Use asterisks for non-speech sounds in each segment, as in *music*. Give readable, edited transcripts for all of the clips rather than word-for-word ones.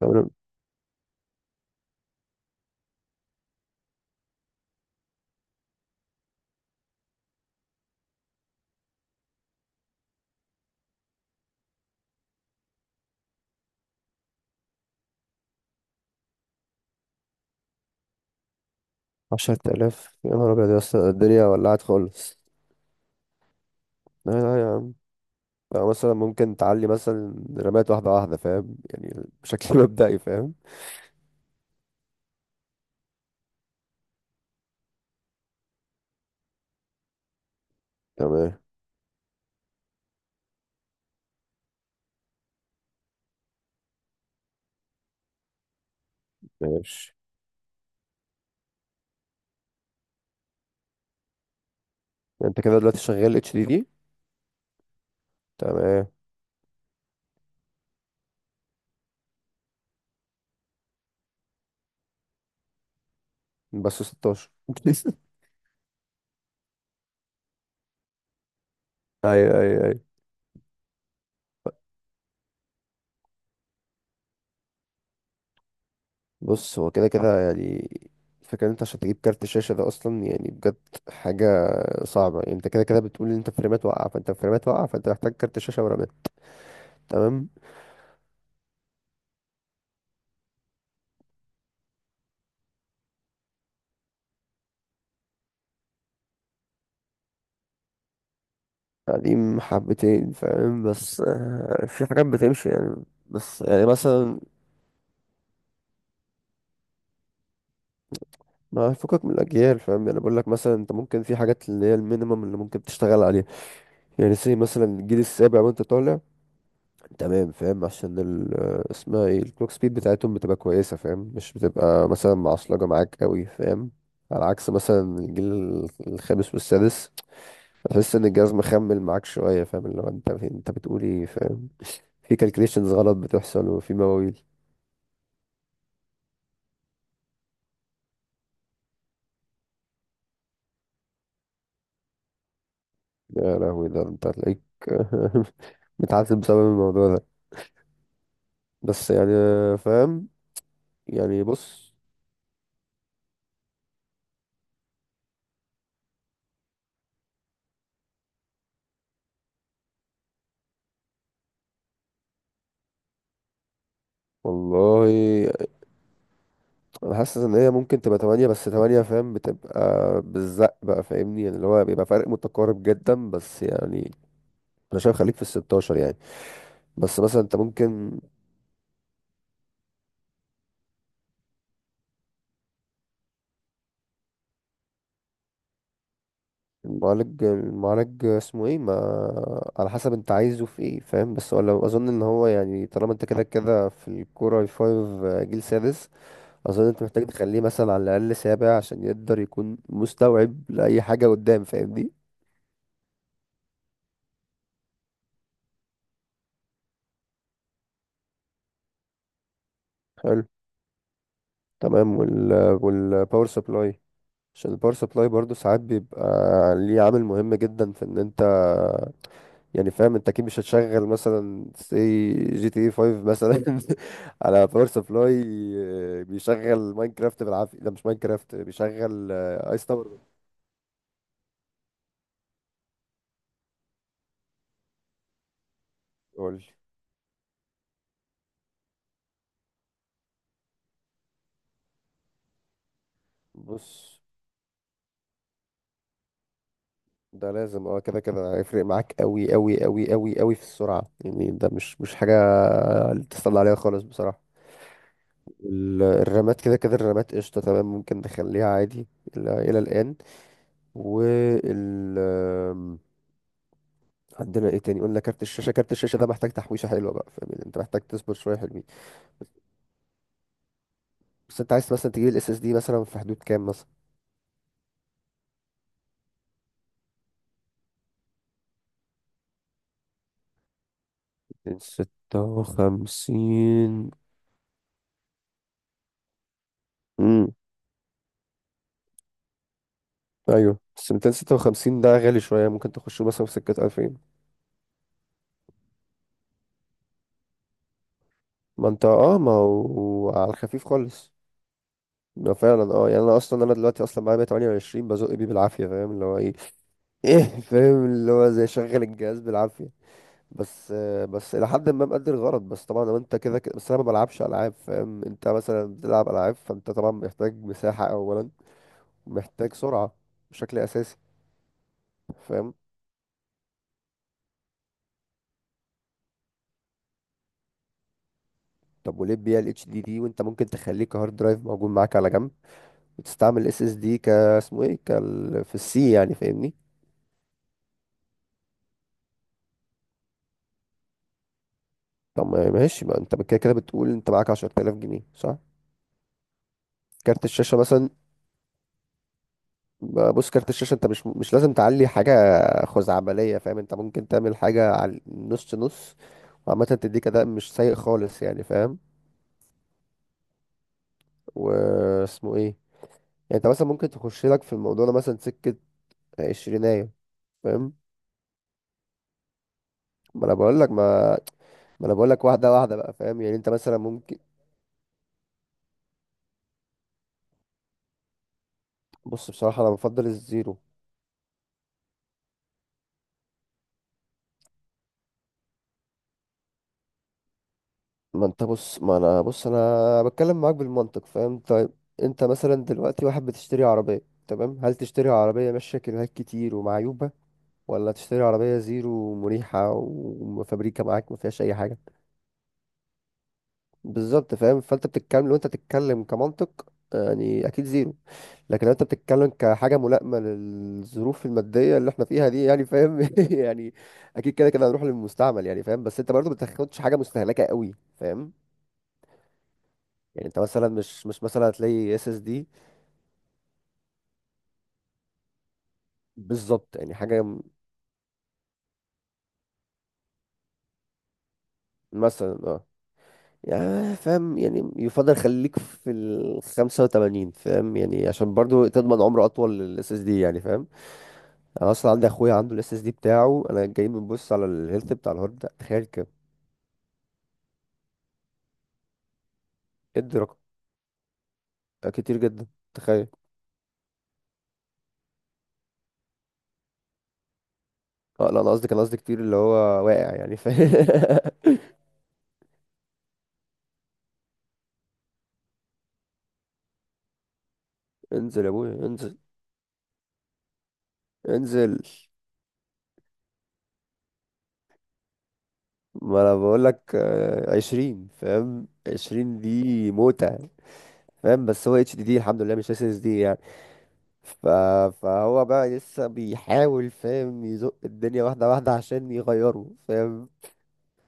تمام. عشرة آلاف؟ يا نهار أبيض يا اسطى، الدنيا ولعت خالص. لا لا يا عم. يعني مثلا ممكن تعلي مثلا رمات واحدة واحدة، فاهم؟ يعني بشكل *laughs* مبدئي، فاهم؟ تمام. ماشي. يعني انت كده دلوقتي شغال اتش دي دي؟ تمام. بس 16؟ *laughs* ايوه، ايوه، ايوه. بص، هو كده كده يعني. الفكرة ان انت عشان تجيب كارت شاشة ده اصلا، يعني بجد، حاجة صعبة. يعني انت كده كده بتقول ان انت فريمات واقعة، فانت محتاج كارت شاشة ورامات. تمام. قديم حبتين، فاهم؟ بس في حاجات بتمشي يعني. بس يعني مثلا، ما فكك من الاجيال، فاهم؟ يعني بقول لك مثلا، انت ممكن في حاجات اللي هي المينيمم اللي ممكن تشتغل عليها. يعني سي مثلا الجيل السابع وانت طالع. تمام، فاهم؟ عشان ال آه، اسمها ايه الكلوك سبيد بتاعتهم بتبقى كويسه، فاهم؟ مش بتبقى مثلا معصلجه معاك قوي، فاهم؟ على عكس مثلا الجيل الخامس والسادس، تحس ان الجهاز مخمل معاك شويه، فاهم؟ اللي هو انت بتقول ايه، فاهم؟ في كالكليشنز غلط بتحصل، وفي مواويل. يا لهوي، ده انت هتلاقيك *laughs* متعذب بسبب الموضوع ده. بس يعني، فاهم؟ يعني، بص، والله. انا حاسس ان هي ممكن تبقى تمانية، بس تمانية، فاهم؟ بتبقى بالزق بقى، فاهمني؟ يعني اللي هو بيبقى فرق متقارب جدا، بس يعني انا شايف خليك في الستاشر يعني. بس مثلا انت ممكن. المعالج اسمه ايه، ما على حسب انت عايزه في ايه، فاهم؟ بس ولا اظن ان هو يعني طالما انت كده كده في الكوره 5 جيل سادس، اظن انت محتاج تخليه مثلا على الاقل سابع، عشان يقدر يكون مستوعب لاي حاجه قدام، فاهمني؟ حلو، تمام. والباور سبلاي، عشان الباور سبلاي برضو ساعات بيبقى ليه عامل مهم جدا في ان انت، يعني فاهم، انت اكيد مش هتشغل مثلا سي جي تي 5 مثلا *laughs* على باور سبلاي بيشغل ماينكرافت بالعافيه، لا مش ماينكرافت، بيشغل ايس تاور. قول. بص، ده لازم اه كده كده هيفرق معاك قوي قوي قوي قوي قوي في السرعة، يعني ده مش حاجة تستنى عليها خالص، بصراحة. الرامات كده كده، الرامات قشطة، تمام، ممكن نخليها عادي إلى الآن. وال آم، عندنا ايه تاني؟ قلنا كارت الشاشة، كارت الشاشة ده محتاج تحويشة حلوة بقى، فاهم؟ يعني انت محتاج تصبر شوية حلوين. بس انت عايز مثلا تجيب الاس اس دي مثلا في حدود كام، مثلا 256؟ امم ايوه، بس 256 ده غالي شوية، ممكن تخشه مثلا في سكة 2000. ما انت، اه، ما هو على الخفيف خالص، ده فعلا اه، يعني انا اصلا انا دلوقتي اصلا معايا 128 بزق بيه بالعافيه، فاهم؟ اللي هو ايه فاهم، اللي هو زي شغل الجهاز بالعافيه، بس الى حد ما مقدر الغرض. بس طبعا لو انت كده كده، بس انا ما بلعبش العاب، فاهم؟ انت مثلا بتلعب العاب، فانت طبعا محتاج مساحه اولا، محتاج سرعه بشكل اساسي، فاهم. طب وليه تبيع الاتش دي دي وانت ممكن تخليه كهارد درايف موجود معاك على جنب، وتستعمل اس اس دي ك اسمه ايه، كال في السي، يعني فاهمني؟ طب ماشي. ما انت كده كده بتقول انت معاك 10000 جنيه، صح؟ كارت الشاشه مثلا. بص، كارت الشاشه انت مش لازم تعلي حاجه خزعبليه، فاهم؟ انت ممكن تعمل حاجه على نص نص، وعامه تديك اداء مش سيء خالص يعني، فاهم؟ واسمه ايه يعني، انت مثلا ممكن تخش لك في الموضوع ده مثلا سكه عشرينية، فاهم؟ ما انا بقول لك، ما، ما انا بقول لك واحده واحده بقى، فاهم؟ يعني انت مثلا ممكن. بص بصراحه، انا بفضل الزيرو. ما انت بص، ما انا بص، انا بتكلم معاك بالمنطق، فاهم؟ طيب، انت مثلا دلوقتي واحد بتشتري عربية. تمام، هل تشتري عربية ماشية كيلوهات كتير ومعيوبة، ولا تشتري عربية زيرو مريحة وفابريكا معاك ما فيهاش اي حاجة؟ بالظبط، فاهم؟ فانت بتتكلم لو انت بتتكلم كمنطق، يعني اكيد زيرو. لكن لو انت بتتكلم كحاجة ملائمة للظروف المادية اللي احنا فيها دي، يعني فاهم، *laughs* يعني اكيد كده كده هنروح للمستعمل يعني، فاهم. بس انت برضو بتاخدش حاجة مستهلكة قوي، فاهم؟ يعني انت مثلا مش مثلا هتلاقي اس اس دي. بالظبط يعني حاجه. مثلا اه، يعني فاهم، يعني يفضل خليك في ال 85، فاهم؟ يعني عشان برضو تضمن عمر اطول للاس اس دي يعني، فاهم. انا اصلا عندي اخويا عنده الاس اس دي بتاعه، انا جاي بنبص على الهيلث بتاع الهارد ده، تخيل كام. ادي رقم. ده كتير جدا، تخيل. اه لا، انا قصدي كتير اللي هو واقع يعني، فاهم؟ *laughs* انزل يا ابويا، انزل، انزل. ما انا بقول لك، عشرين، فاهم؟ عشرين دي موتة، فاهم؟ بس هو اتش دي دي الحمد لله، مش اس اس دي يعني. ف... فهو بقى لسه بيحاول، فاهم؟ يزق الدنيا واحده واحده عشان يغيره، فاهم؟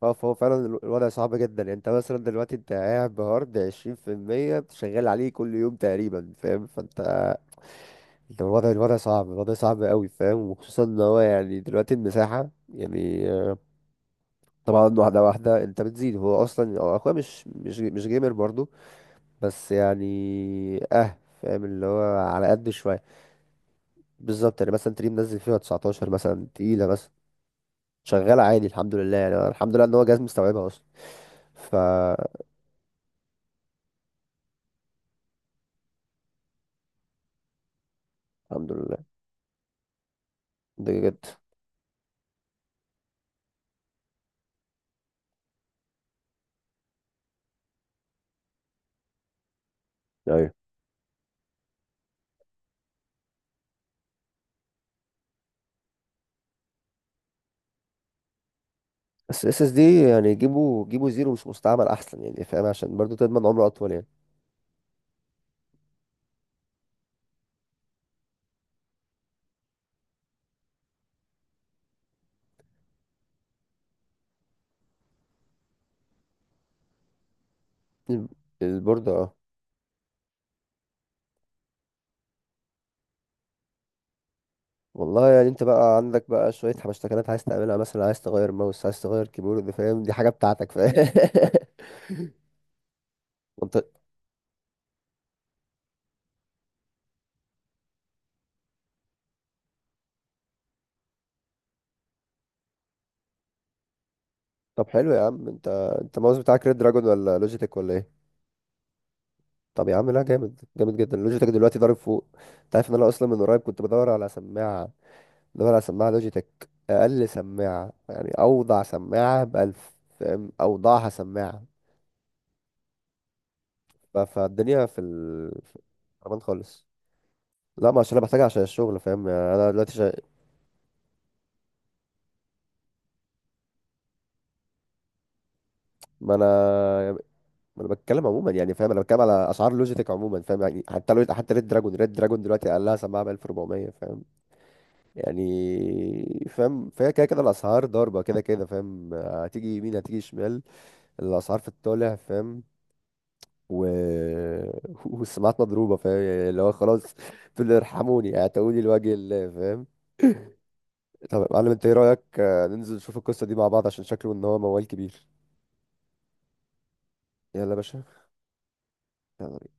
فهو فعلا الوضع صعب جدا، يعني انت مثلا دلوقتي انت قاعد بهارد 20% شغال عليه كل يوم تقريبا، فاهم؟ فانت، انت الوضع صعب، الوضع صعب قوي، فاهم؟ وخصوصا ان هو يعني دلوقتي المساحه يعني، طبعا واحده واحده انت بتزيد. هو اصلا، هو اخويا مش جيمر برضه، بس يعني اه، فاهم، اللي هو على قد شويه. بالظبط، يعني مثلا تلاقيه منزل فيها 19 مثلا تقيلة مثلا، شغالة عادي الحمد لله. يعني أنا الحمد لله ان هو جهاز مستوعبها اصلا. ف الحمد لله. ده جد. ايوه، بس اس اس دي يعني جيبوا جيبوا زيرو مش مستعمل احسن يعني، فاهم؟ عشان برضو تضمن عمر اطول يعني. الب- البوردة اه. والله، يعني انت بقى عندك بقى شوية حبشتكنات عايز تعملها، مثلا عايز تغير ماوس، عايز تغير كيبورد، فاهم؟ دي حاجة بتاعتك، فاهم. *laughs* انت طب حلو يا عم، انت الماوس بتاعك ريد دراجون ولا لوجيتك ولا ايه؟ طب يا عم لا، جامد جامد جدا. لوجيتك دلوقتي ضارب فوق. انت عارف ان انا اصلا من قريب كنت بدور على سماعه، لوجيتك. اقل سماعه يعني، اوضع سماعه بألف، فاهم؟ اوضعها سماعه. فالدنيا في الحرمان خالص. لا، ما عشان انا بحتاجها عشان الشغل، فاهم؟ يعني انا دلوقتي ما انا ما انا بتكلم عموما يعني، فاهم؟ انا بتكلم على اسعار لوجيتك عموما، فاهم؟ يعني حتى ريد دراجون دلوقتي اقلها سماعه ب 1400، فاهم؟ يعني فاهم، فهي كده كده الاسعار ضاربه، كده كده فاهم، هتيجي يمين، هتيجي شمال. الاسعار في الطالع، فاهم؟ و... *laughs* والسماعات مضروبه، فاهم؟ يعني اللي هو خلاص، تقول لي ارحموني، اعتقوني لوجه الله، فاهم. طب يا معلم، انت ايه رايك ننزل نشوف القصه دي مع بعض، عشان شكله ان هو موال كبير. يلا يا باشا. يلا.